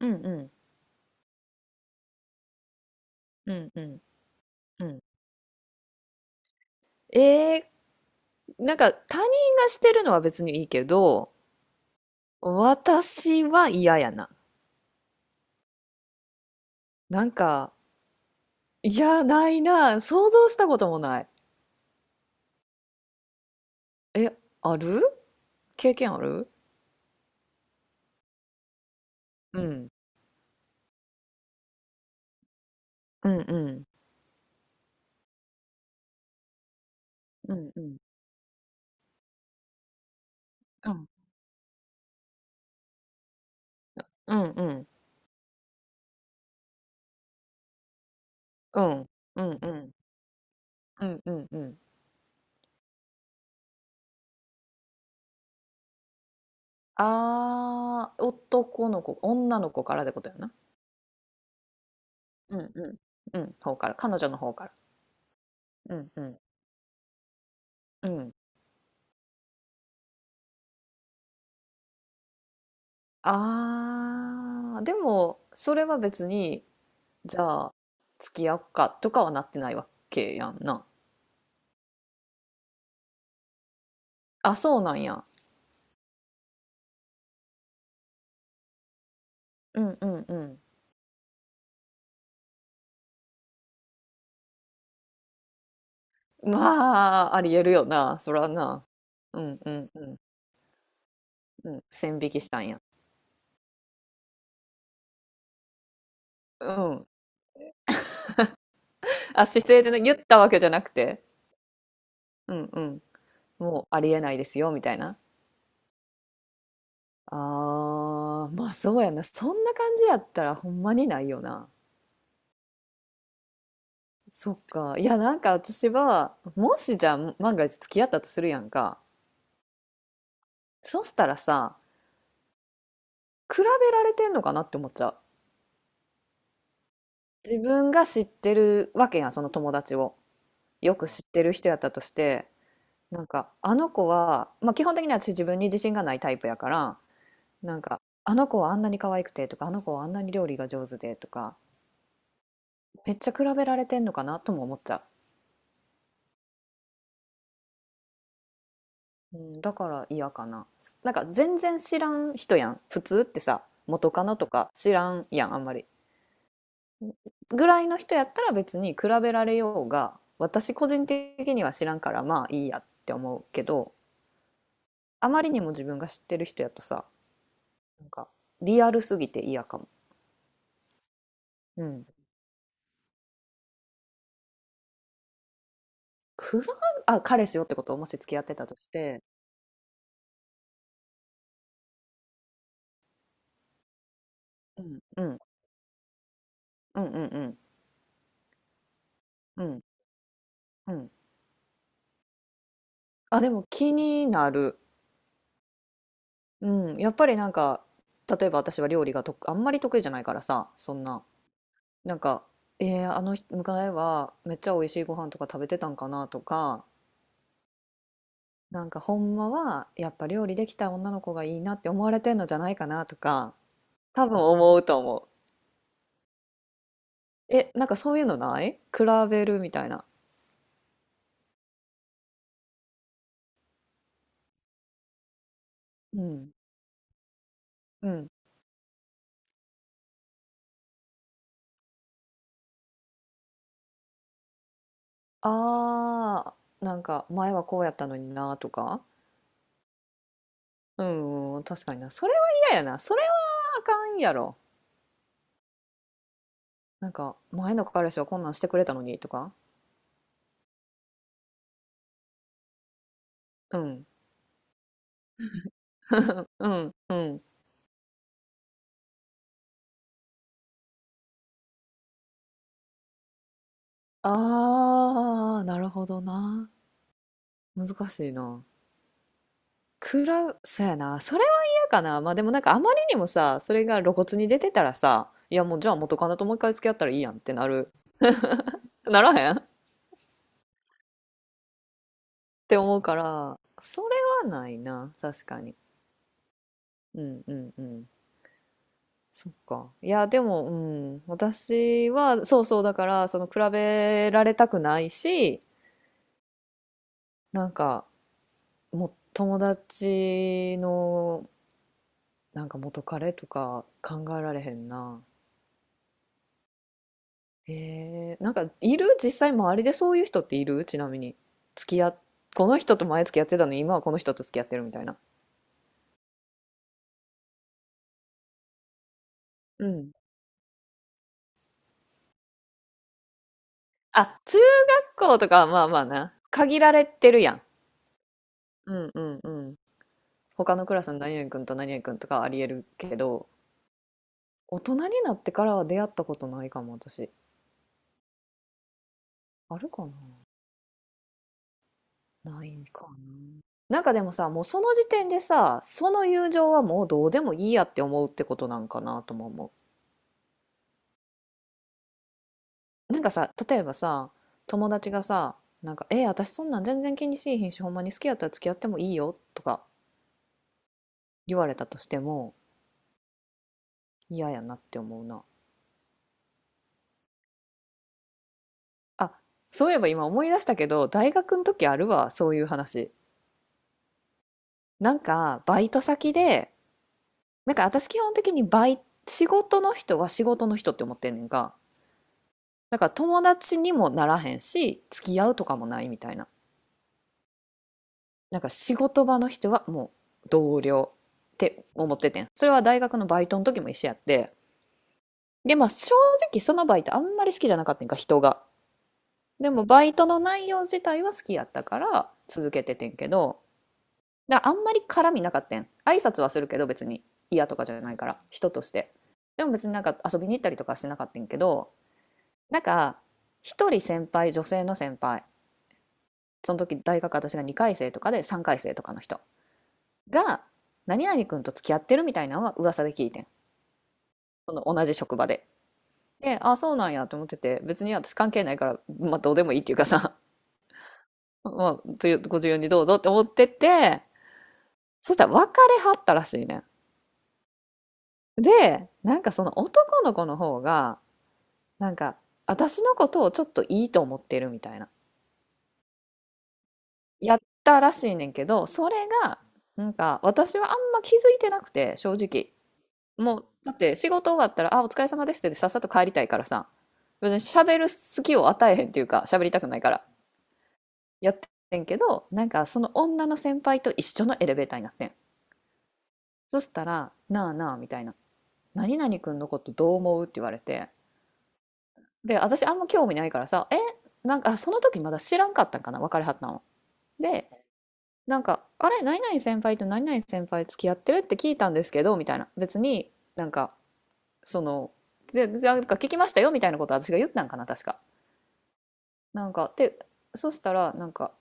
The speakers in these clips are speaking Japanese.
うんうんうんうんうんえー、なんか他人がしてるのは別にいいけど、私は嫌やな。なんか、いやないな、想像したこともない。え、ある、経験ある。うんうんうんうんうんうんうんうんうんうんうんうんうんあー、男の子女の子からってことやな。うんうんうん方から、彼女の方から。うんうんうん。ああ、でも、それは別に、じゃあ、付き合おうかとかはなってないわけやんな。あ、そうなんや。うん。まあ、ありえるよな、そらな。うんうんうん。うん、線引きしたんや。うん。あ、姿勢でね、言ったわけじゃなくて。うんうん。もうありえないですよ、みたいな。ああ、まあそうやな。そんな感じやったらほんまにないよな。そっか。いや、なんか私は、もしじゃあ万が一付き合ったとするやんか。そしたらさ、比べられてんのかなって思っちゃう。自分が知ってるわけやん、その友達を。よく知ってる人やったとして、なんか、あの子は、まあ基本的に私自分に自信がないタイプやから、なんか、あの子はあんなに可愛くてとか、あの子はあんなに料理が上手でとか、めっちゃ比べられてんのかなとも思っちゃう。うん、だから嫌かな。なんか全然知らん人やん。普通ってさ、元カノとか知らんやん、あんまり。ぐらいの人やったら別に比べられようが、私個人的には知らんから、まあいいやって思うけど、あまりにも自分が知ってる人やとさ、なんかリアルすぎて嫌かも。うん。比べ、あ、彼氏よってことを、もし付き合ってたとして、うん、うん、うん、うん、うん、うん、うん。あ、でも気になる。うん、やっぱりなんか、例えば私は料理がとあんまり得意じゃないからさ、そんな、なんか、あの人迎えはめっちゃ美味しいご飯とか食べてたんかなとか、なんかほんまはやっぱ料理できた女の子がいいなって思われてんのじゃないかなとか、多分思うと思う。え、なんかそういうのない、比べるみたいな。うん。うん。あー、なんか前はこうやったのになとか。うん、うん、確かにな。それは嫌やな。それはあかんやろ。なんか、前の彼氏はこんなんしてくれたのにとか、うん、 うん、うん。ああ、なるほどな。難しいな。くら、そうやな。それは嫌かな。まあでもなんかあまりにもさ、それが露骨に出てたらさ、いやもうじゃあ元カノともう一回付き合ったらいいやんってなる、ならへんって思うから、それはないな。確かに。うんうんうん。そっか。いや、でも、うん、私は、そうそう、だから、その、比べられたくないし、なんか、もう友達のなんか元彼とか考えられへんな。なんかいる実際周りでそういう人っている、ちなみに。付き合っ、この人と前付き合ってたのに今はこの人と付き合ってるみたいな。うん。あ、中学校とかはまあまあな。限られてるやん。うんうんうん。他のクラスの何々君と何々君とかはありえるけど、大人になってからは出会ったことないかも私。あるかな、ないんかな。なんかでもさ、もうその時点でさ、その友情はもうどうでもいいやって思うってことなんかなとも思う。なんかさ、例えばさ、友達がさ、なんか、え、私そんなん全然気にしいひんし、ほんまに好きやったら付き合ってもいいよとか言われたとしても嫌やなって思うな。あ、そういえば今思い出したけど、大学の時あるわ、そういう話。なんか、バイト先で、なんか私基本的にバイ、仕事の人は仕事の人って思ってんねんか。だから友達にもならへんし、付き合うとかもないみたいな。なんか仕事場の人はもう同僚って思っててん。それは大学のバイトの時も一緒やって。で、まあ正直そのバイトあんまり好きじゃなかったんか、人が。でもバイトの内容自体は好きやったから続けててんけど、だからあんまり絡みなかったん。挨拶はするけど別に嫌とかじゃないから、人として。でも別になんか遊びに行ったりとかはしなかったんけど、なんか一人先輩、女性の先輩、その時大学私が2回生とかで3回生とかの人が、何々君と付き合ってるみたいなのは噂で聞いてん、その同じ職場で。で、ああそうなんやと思ってて、別に私関係ないから、まあ、どうでもいいっていうかさ、 まあご自由にどうぞって思ってて、そしたら別れはったらしいねん。で、なんかその男の子の方が、なんか私のことをちょっといいと思ってるみたいな、やったらしいねんけど、それが、なんか私はあんま気づいてなくて正直。もう、だって仕事終わったら、あ、お疲れ様ですってさっさと帰りたいからさ、別に喋る隙を与えへんっていうか、喋りたくないから、やってんけど、なんかその女の先輩と一緒のエレベーターになってん。そしたら、なあなあみたいな、何々くんのことどう思うって言われて、で、私あんま興味ないからさ、え、なんかその時まだ知らんかったんかな、別れはったの。で、なんか、あれ、何々先輩と何々先輩付き合ってるって聞いたんですけど、みたいな。別になんか、その、でなんか聞きましたよみたいなこと私が言ったんかな確か。なんかで、そしたらなんか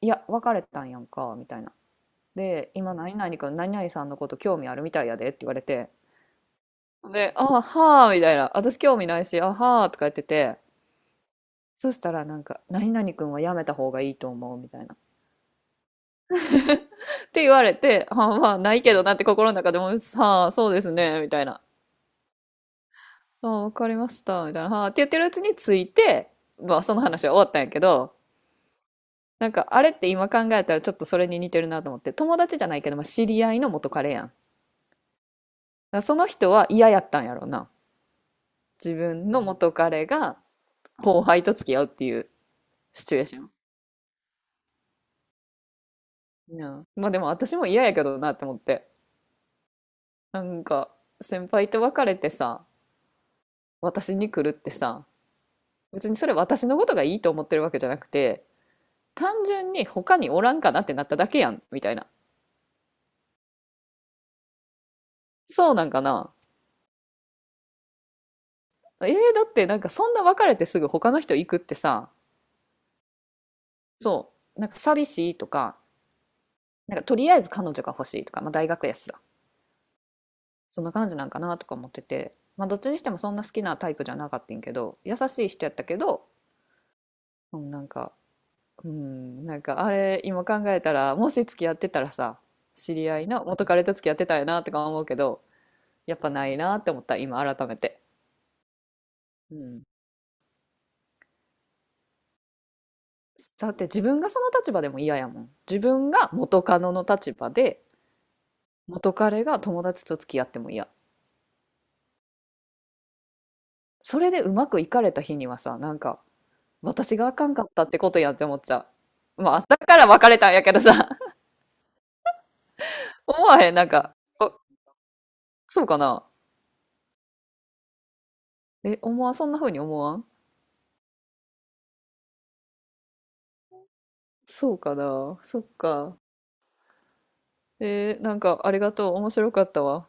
「いや別れたんやんか」みたいな。で「今何々君何々さんのこと興味あるみたいやで」って言われて、で「あはー」みたいな、「私興味ないし、あはー」とか言ってて。そしたらなんか「何々君はやめた方がいいと思う」みたいな。って言われて「あ、まあないけどな」って心の中でも「はあ、そうですね」みたいな、「あ、わかりました」みたいな、「はあ」って言ってるうちについて、まあその話は終わったんやけど、なんかあれって今考えたらちょっとそれに似てるなと思って、友達じゃないけど、まあ、知り合いの元彼やんだから、その人は嫌やったんやろうな、自分の元彼が後輩と付き合うっていうシチュエーション、うん、まあでも私も嫌やけどなって思って、なんか先輩と別れてさ、私に来るってさ、別にそれ私のことがいいと思ってるわけじゃなくて、単純に他におらんかなってなっただけやん、みたいな、そうなんかな。だってなんかそんな別れてすぐ他の人行くってさ、そう、なんか寂しいとか、なんかとりあえず彼女が欲しいとか、まあ、大学やしさ、そんな感じなんかなとか思ってて、まあ、どっちにしてもそんな好きなタイプじゃなかったんけど、優しい人やったけど、うん、なんか、うん、なんかあれ、今考えたら、もし付き合ってたらさ、知り合いの元彼と付き合ってたよなとか思うけど、やっぱないなって思った、今改めて。うん。だって自分がその立場でも嫌やもん。自分が元カノの立場で、元彼が友達と付き合っても嫌。それでうまくいかれた日にはさ、なんか、私があかんかったってことやんって思っちゃう。まあ、だから別れたんやけどさ、 思わへん、なんか、あ、そうかな。え、思わん、そんな風に思わん、そうかな。そっか。なんか、ありがとう。面白かったわ。